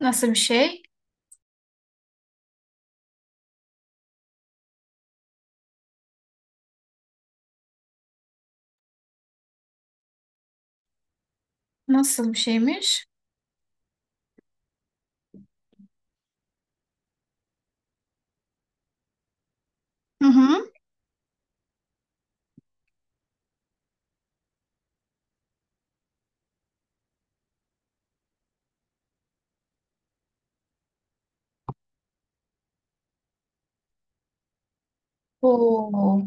Nasıl bir şey? Nasıl bir şeymiş? Hı hı. Oo.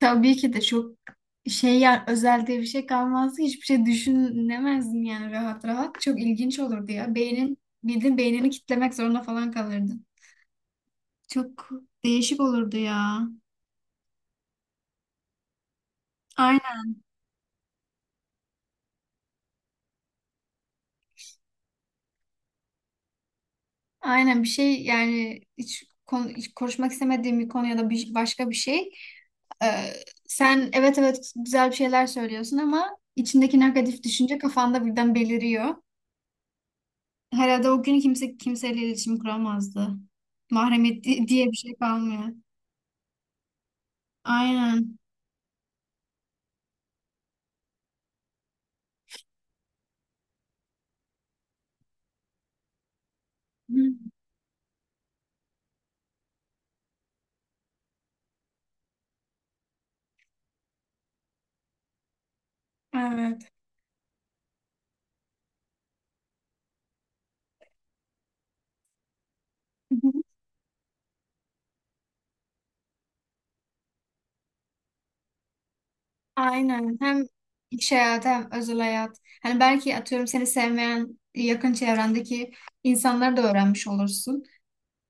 Tabii ki de çok şey ya, özel diye bir şey kalmazdı. Hiçbir şey düşünemezdin yani, rahat rahat. Çok ilginç olurdu ya. Beynin, bildiğin beynini kitlemek zorunda falan kalırdın. Çok değişik olurdu ya. Aynen. Aynen bir şey yani, hiç konu, hiç konuşmak istemediğim bir konu ya da bir, başka bir şey. Ee, Sen evet evet, güzel bir şeyler söylüyorsun ama içindeki negatif düşünce kafanda birden beliriyor. Herhalde o gün kimse kimseyle iletişim kuramazdı. Mahremiyet diye bir şey kalmıyor. Aynen. Hı. Evet. Hı. Aynen. Hem iş hayatı hem özel hayat. Hani belki, atıyorum, seni sevmeyen yakın çevrendeki insanları da öğrenmiş olursun.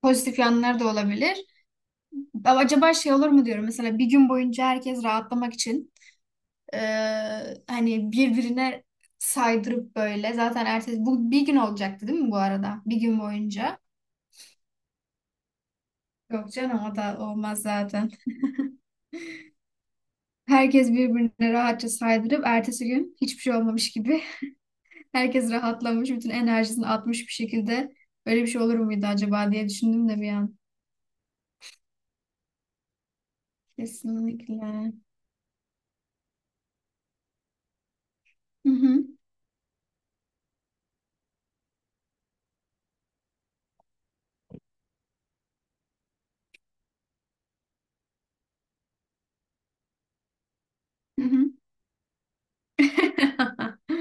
Pozitif yanları da olabilir. Ama acaba şey olur mu diyorum. Mesela bir gün boyunca herkes rahatlamak için hani birbirine saydırıp böyle. Zaten ertesi, bu bir gün olacaktı değil mi bu arada? Bir gün boyunca. Yok canım, o da olmaz zaten. Herkes birbirine rahatça saydırıp ertesi gün hiçbir şey olmamış gibi herkes rahatlamış, bütün enerjisini atmış bir şekilde. Böyle bir şey olur muydu acaba diye düşündüm de bir an. Kesinlikle. Hı hı. Hı hı.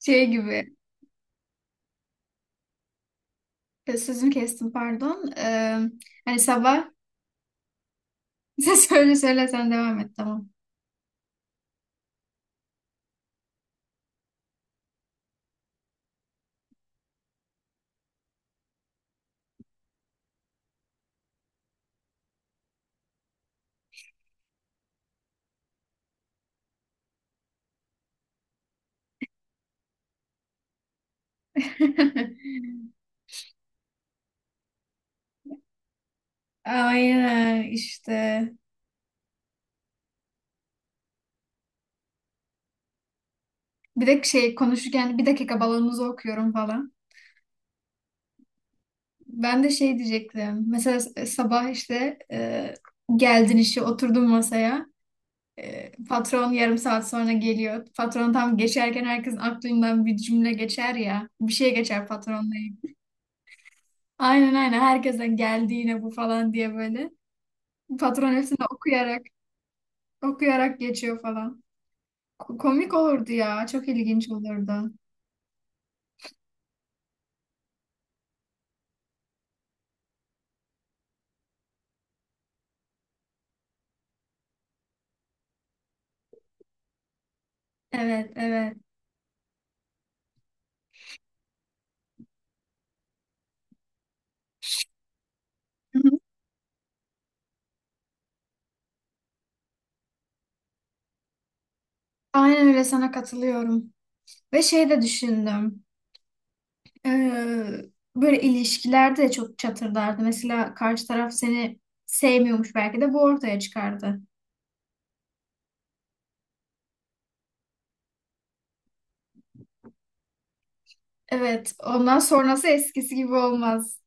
Şey gibi. Sözünü kestim, pardon. Hani sabah sen söyle söyle, sen devam et, tamam. Aynen işte. Bir de şey, konuşurken bir dakika balonunuzu okuyorum falan. Ben de şey diyecektim. Mesela sabah işte, geldin, işe oturdun masaya. E, patron yarım saat sonra geliyor. Patron tam geçerken herkesin aklından bir cümle geçer ya. Bir şey geçer patronla ilgili. Aynen aynen, herkese geldi yine bu falan diye böyle. Patron hepsini okuyarak geçiyor falan. Komik olurdu ya. Çok ilginç olurdu. Evet evet. Hı hı. Aynen öyle, sana katılıyorum. Ve şey de düşündüm. Ee, Böyle ilişkilerde de çok çatırdardı. Mesela karşı taraf seni sevmiyormuş, belki de bu ortaya çıkardı. Evet, ondan sonrası eskisi gibi olmaz.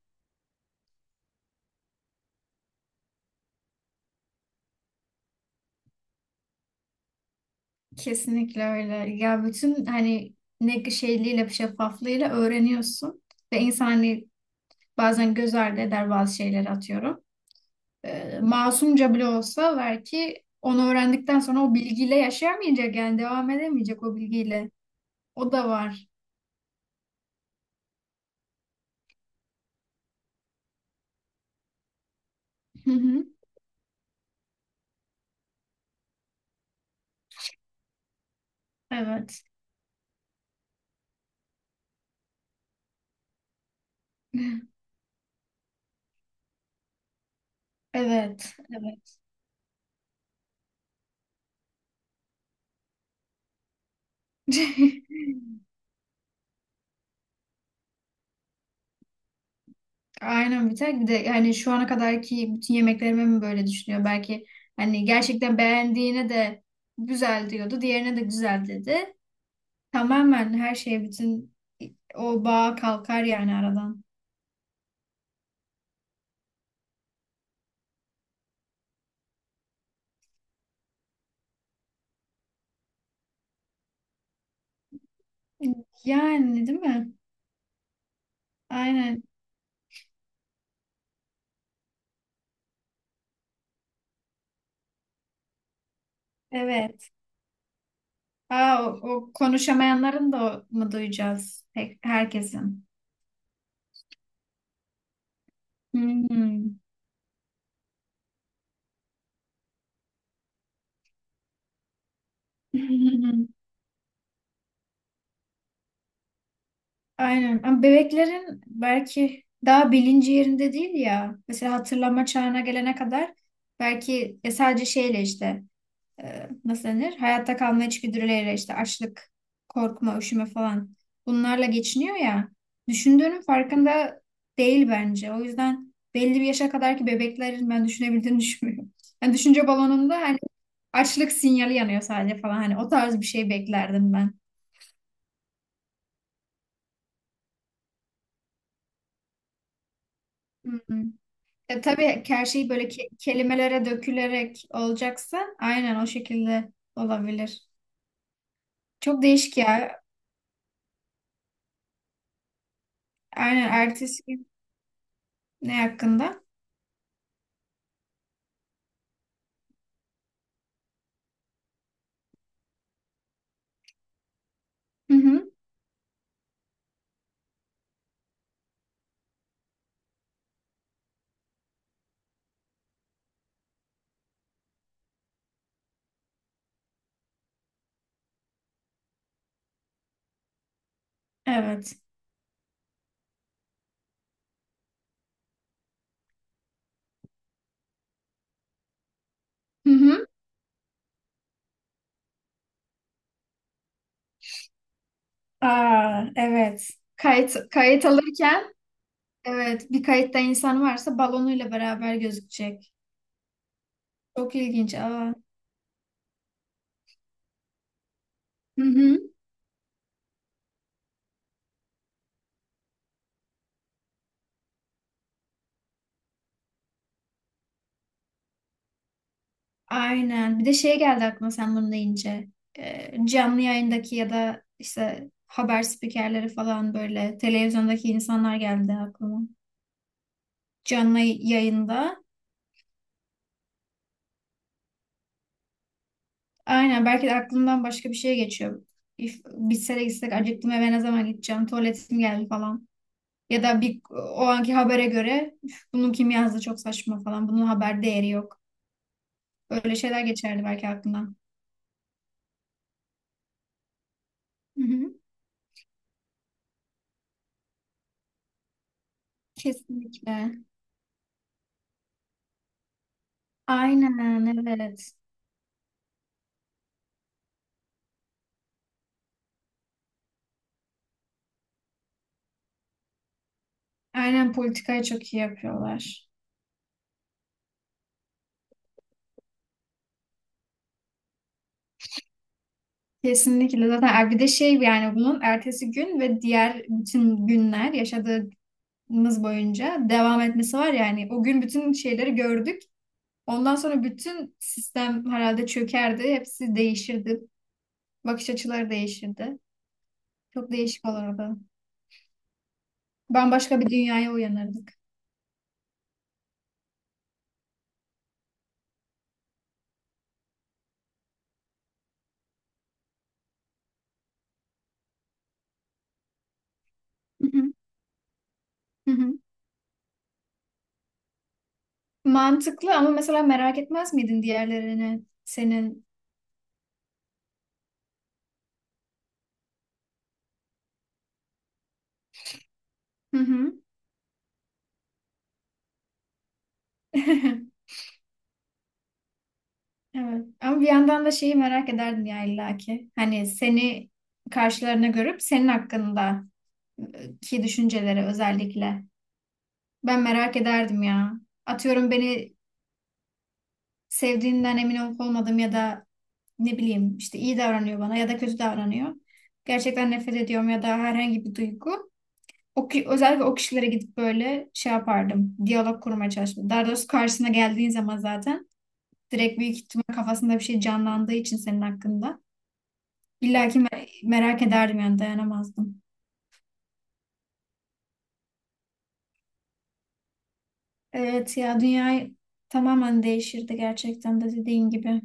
Kesinlikle öyle. Ya bütün hani, ne şeyliğiyle, şeffaflığıyla öğreniyorsun. Ve insan, hani, bazen göz ardı eder bazı şeyleri, atıyorum. Masumca bile olsa, belki onu öğrendikten sonra o bilgiyle yaşayamayacak, yani devam edemeyecek o bilgiyle. O da var. Hı hı. Evet. Evet, evet. Aynen. Bir tek bir de hani, şu ana kadarki bütün yemeklerime mi böyle düşünüyor? Belki hani gerçekten beğendiğine de güzel diyordu, diğerine de güzel dedi. Tamamen her şey, bütün o bağ kalkar yani aradan. Yani değil mi? Aynen. Evet. Aa, o, o konuşamayanların da mı duyacağız? Herkesin. Hmm. Aynen. Ama bebeklerin belki daha bilinci yerinde değil ya. Mesela hatırlama çağına gelene kadar belki ya sadece şeyle, işte, nasıl denir, hayatta kalma içgüdüleriyle, işte açlık, korkma, üşüme falan, bunlarla geçiniyor ya. Düşündüğünün farkında değil bence. O yüzden belli bir yaşa kadarki bebeklerin ben düşünebildiğini düşünmüyorum. Yani düşünce balonunda hani açlık sinyali yanıyor sadece falan. Hani o tarz bir şey beklerdim ben. Hı hı. E, tabii ki her şey böyle kelimelere dökülerek olacaksa aynen o şekilde olabilir. Çok değişik ya. Aynen. Ertesi gün ne hakkında? Hı hı. Evet. Hı hı. Aa, evet. Kayıt alırken, evet, bir kayıtta insan varsa balonuyla beraber gözükecek. Çok ilginç. Aa. Hı hı. Aynen. Bir de şey geldi aklıma sen bunu deyince. Canlı yayındaki ya da işte haber spikerleri falan, böyle televizyondaki insanlar geldi aklıma. Canlı yayında. Aynen. Belki de aklımdan başka bir şey geçiyor. If, bitse de gitsek, acıktım, eve ne zaman gideceğim? Tuvaletim geldi falan. Ya da bir o anki habere göre: "Üf, bunu kim yazdı, çok saçma falan. Bunun haber değeri yok." Öyle şeyler geçerdi belki aklımdan. Hı hı. Kesinlikle. Aynen, evet. Aynen, politikayı çok iyi yapıyorlar. Kesinlikle. Zaten ay, bir de şey, yani bunun ertesi gün ve diğer bütün günler yaşadığımız boyunca devam etmesi var. Yani o gün bütün şeyleri gördük. Ondan sonra bütün sistem herhalde çökerdi. Hepsi değişirdi. Bakış açıları değişirdi. Çok değişik olurdu. Bambaşka bir dünyaya uyanırdık. Hı hı, hı hı. Mantıklı ama mesela merak etmez miydin diğerlerini senin? Hı hı. Evet. Ama bir yandan da şeyi merak ederdin ya illaki. Hani seni karşılarına görüp senin hakkında, ki düşünceleri özellikle. Ben merak ederdim ya. Atıyorum, beni sevdiğinden emin olup olmadım ya da ne bileyim, işte iyi davranıyor bana ya da kötü davranıyor. Gerçekten nefret ediyorum ya da herhangi bir duygu. O, özellikle o kişilere gidip böyle şey yapardım. Diyalog kurmaya çalıştım. Daha doğrusu, karşısına geldiğin zaman zaten direkt büyük ihtimal kafasında bir şey canlandığı için senin hakkında. İlla ki merak ederdim yani, dayanamazdım. Evet ya, dünya tamamen değişirdi, gerçekten de dediğin gibi.